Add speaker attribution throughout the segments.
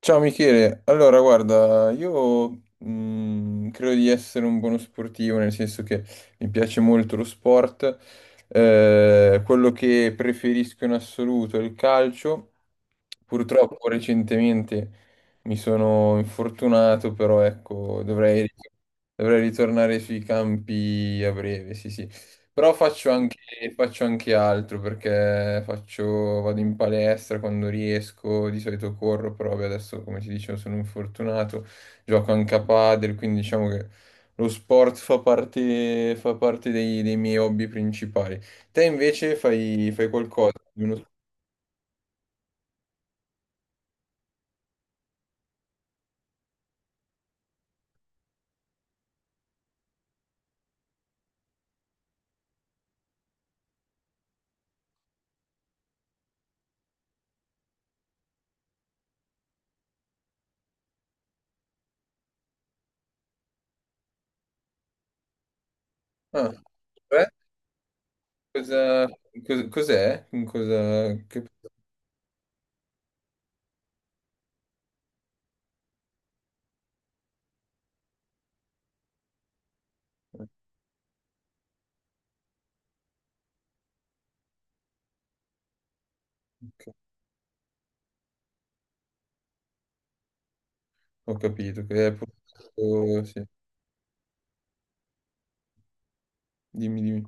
Speaker 1: Ciao Michele, allora guarda, io credo di essere un buono sportivo, nel senso che mi piace molto lo sport. Quello che preferisco in assoluto è il calcio, purtroppo recentemente mi sono infortunato, però ecco, dovrei ritornare sui campi a breve, sì sì. Però faccio anche, Faccio anche altro perché faccio, vado in palestra quando riesco, di solito corro, però vabbè, adesso come ti dicevo sono infortunato, gioco anche a padel, quindi diciamo che lo sport fa parte dei miei hobby principali. Te invece fai qualcosa? Ah, beh, cosa- cos'è? Ho capito, che è sì, dimmi.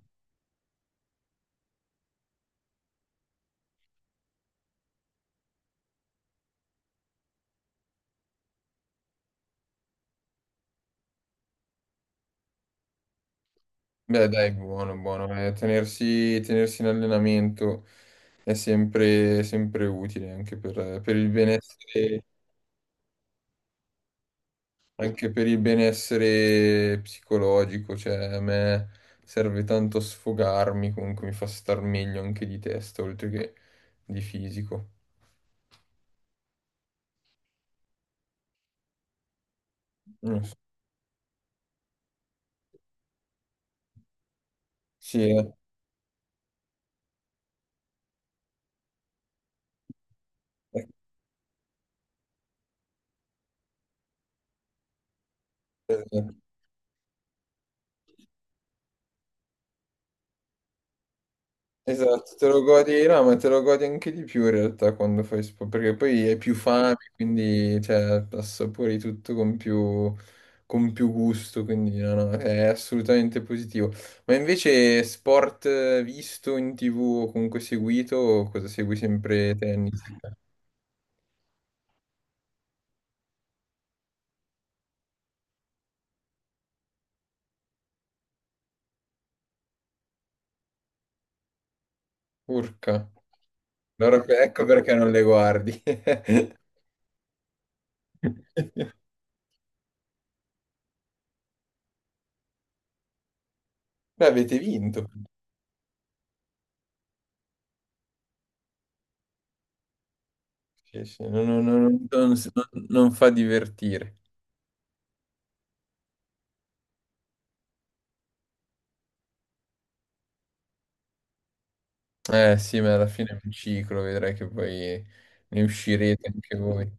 Speaker 1: Beh, dai, buono, buono. Tenersi in allenamento è sempre utile anche per il benessere, anche per il benessere psicologico. Cioè, a me serve tanto sfogarmi, comunque mi fa star meglio anche di testa, oltre che di fisico. Mm. Sì, eh. Eh, eh. Esatto, te lo godi, no, ma te lo godi anche di più in realtà quando fai sport, perché poi hai più fame, quindi cioè, assapori tutto con più gusto, quindi no, no, è assolutamente positivo. Ma invece sport visto in TV o comunque seguito, o cosa segui sempre tennis? Urca, allora ecco perché non le guardi. Beh, avete vinto. Sì, sì, non fa divertire. Eh sì, ma alla fine è un ciclo, vedrai che poi ne uscirete anche voi,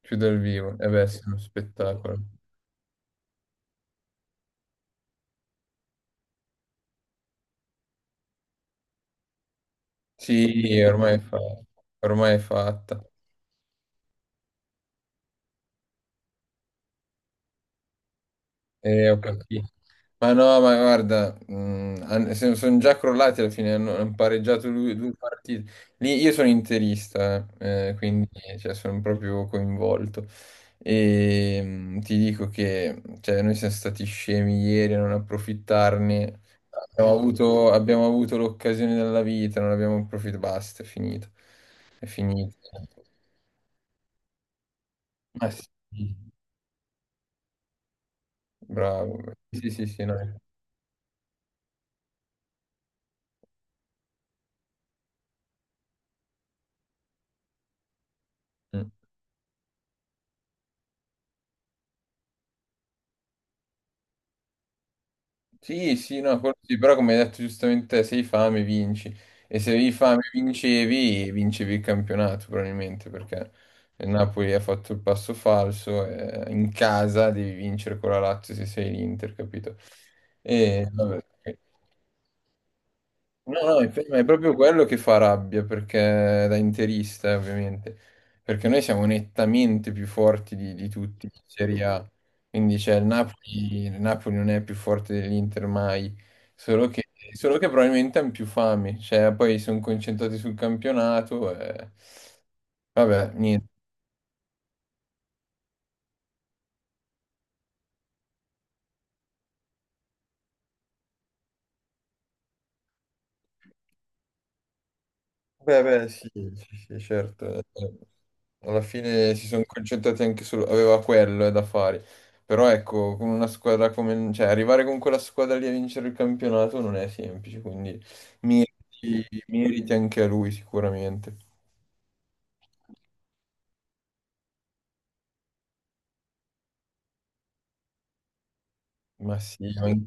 Speaker 1: più dal vivo. E beh, sì, è uno spettacolo. Sì, ormai è fatta, ormai è fatta. E ho capito. Ma no, ma guarda, sono già crollati alla fine, hanno due partite. Lì io sono interista, quindi cioè, sono proprio coinvolto. E ti dico che cioè, noi siamo stati scemi ieri a non approfittarne. Abbiamo avuto l'occasione della vita, non abbiamo approfittato. Basta, è finito. È finito. Ma sì, bravo. Sì, sì, sì, no. Mm. Sì, sì, no, quello sì, però come hai detto giustamente, te, se hai fame vinci e se avevi fame vincevi il campionato probabilmente perché il Napoli ha fatto il passo falso e in casa devi vincere con la Lazio se sei l'Inter, capito? E vabbè, ok. No, no, il tema è proprio quello che fa rabbia, perché da interista, ovviamente, perché noi siamo nettamente più forti di tutti in Serie A, quindi c'è il Napoli non è più forte dell'Inter mai, solo che, solo che probabilmente hanno più fame, cioè poi sono concentrati sul campionato, e vabbè, niente. Beh, beh, sì, sì, sì, certo. Alla fine si sono concentrati anche su, aveva quello da fare. Però ecco, con una squadra come, cioè, arrivare con quella squadra lì a vincere il campionato non è semplice, quindi meriti anche a lui sicuramente. Ma sì, ma in,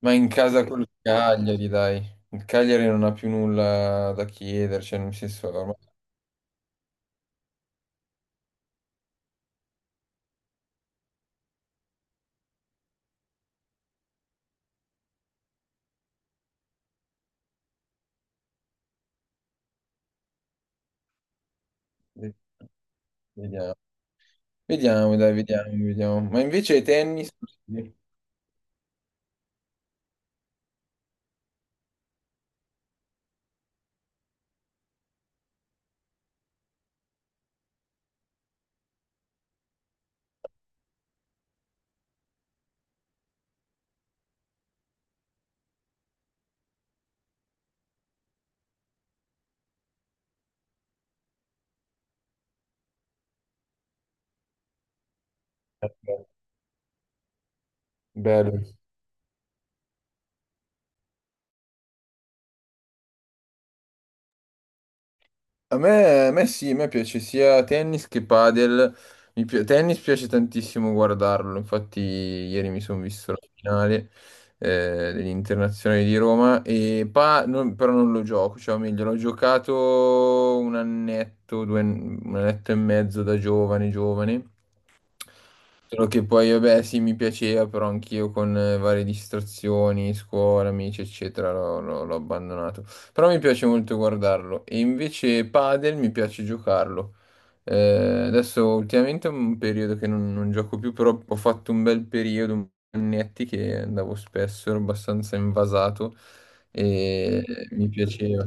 Speaker 1: ma in casa col Cagliari, dai. Il Cagliari non ha più nulla da chiedere, cioè, nel senso, ormai. Vediamo, vediamo, dai, vediamo. Ma invece tennis. Sì. Bello. A me sì, a me piace sia tennis che padel. Tennis piace tantissimo guardarlo, infatti ieri mi sono visto la finale dell'Internazionale di Roma, e però non lo gioco, cioè o meglio, l'ho giocato un annetto, un annetto e mezzo da giovane. Solo che poi, vabbè, sì, mi piaceva, però anch'io con varie distrazioni, scuola, amici, eccetera, l'ho abbandonato. Però mi piace molto guardarlo. E invece padel mi piace giocarlo. Eh, adesso ultimamente è un periodo che non gioco più, però ho fatto un bel periodo, un po' di annetti che andavo spesso, ero abbastanza invasato e mi piaceva.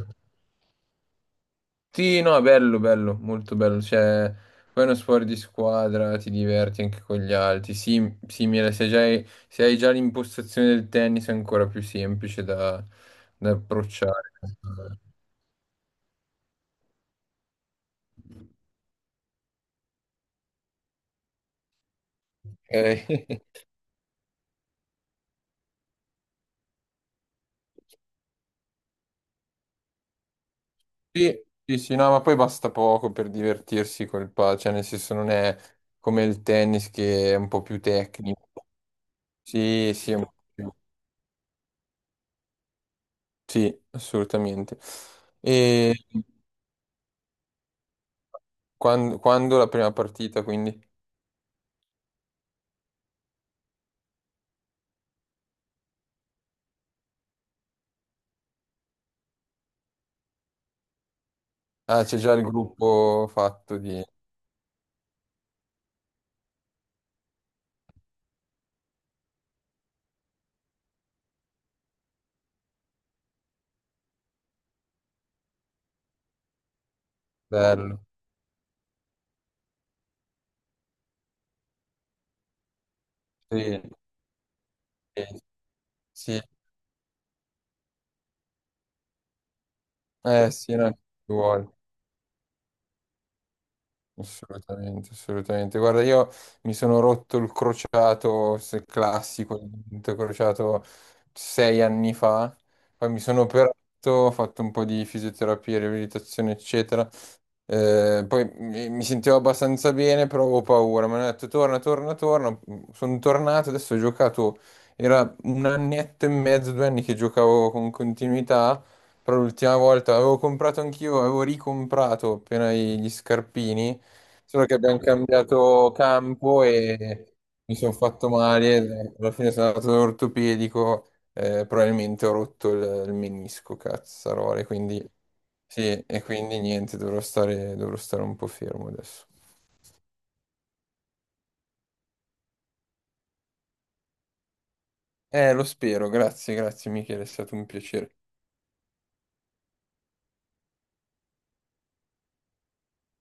Speaker 1: Sì, no, è bello, bello, molto bello. Cioè, poi è uno sport di squadra, ti diverti anche con gli altri. Sì, simile, se hai già l'impostazione del tennis è ancora più semplice da approcciare. Ok. Sì, sì, sì, no, ma poi basta poco per divertirsi col padel, cioè nel senso non è come il tennis che è un po' più tecnico. Sì, sì, è un po' più- sì, assolutamente. E quando, la prima partita, quindi? Ah, c'è già il gruppo fatto di. Bello. Sì, sì, sì. Sì, no, ci vuole. Assolutamente, assolutamente. Guarda, io mi sono rotto il crociato se classico, il dito crociato 6 anni fa. Poi mi sono operato, ho fatto un po' di fisioterapia, riabilitazione, eccetera. Poi mi sentivo abbastanza bene, però avevo paura. Mi hanno detto torna. Sono tornato, adesso ho giocato. Era un annetto e mezzo, 2 anni che giocavo con continuità. Però l'ultima volta avevo comprato anch'io, avevo ricomprato appena gli scarpini. Solo che abbiamo cambiato campo e mi sono fatto male. Alla fine sono andato all'ortopedico, probabilmente ho rotto il menisco, cazzarole. Quindi. Sì, e quindi niente, dovrò stare un po' fermo adesso. Lo spero, grazie, grazie Michele, è stato un piacere.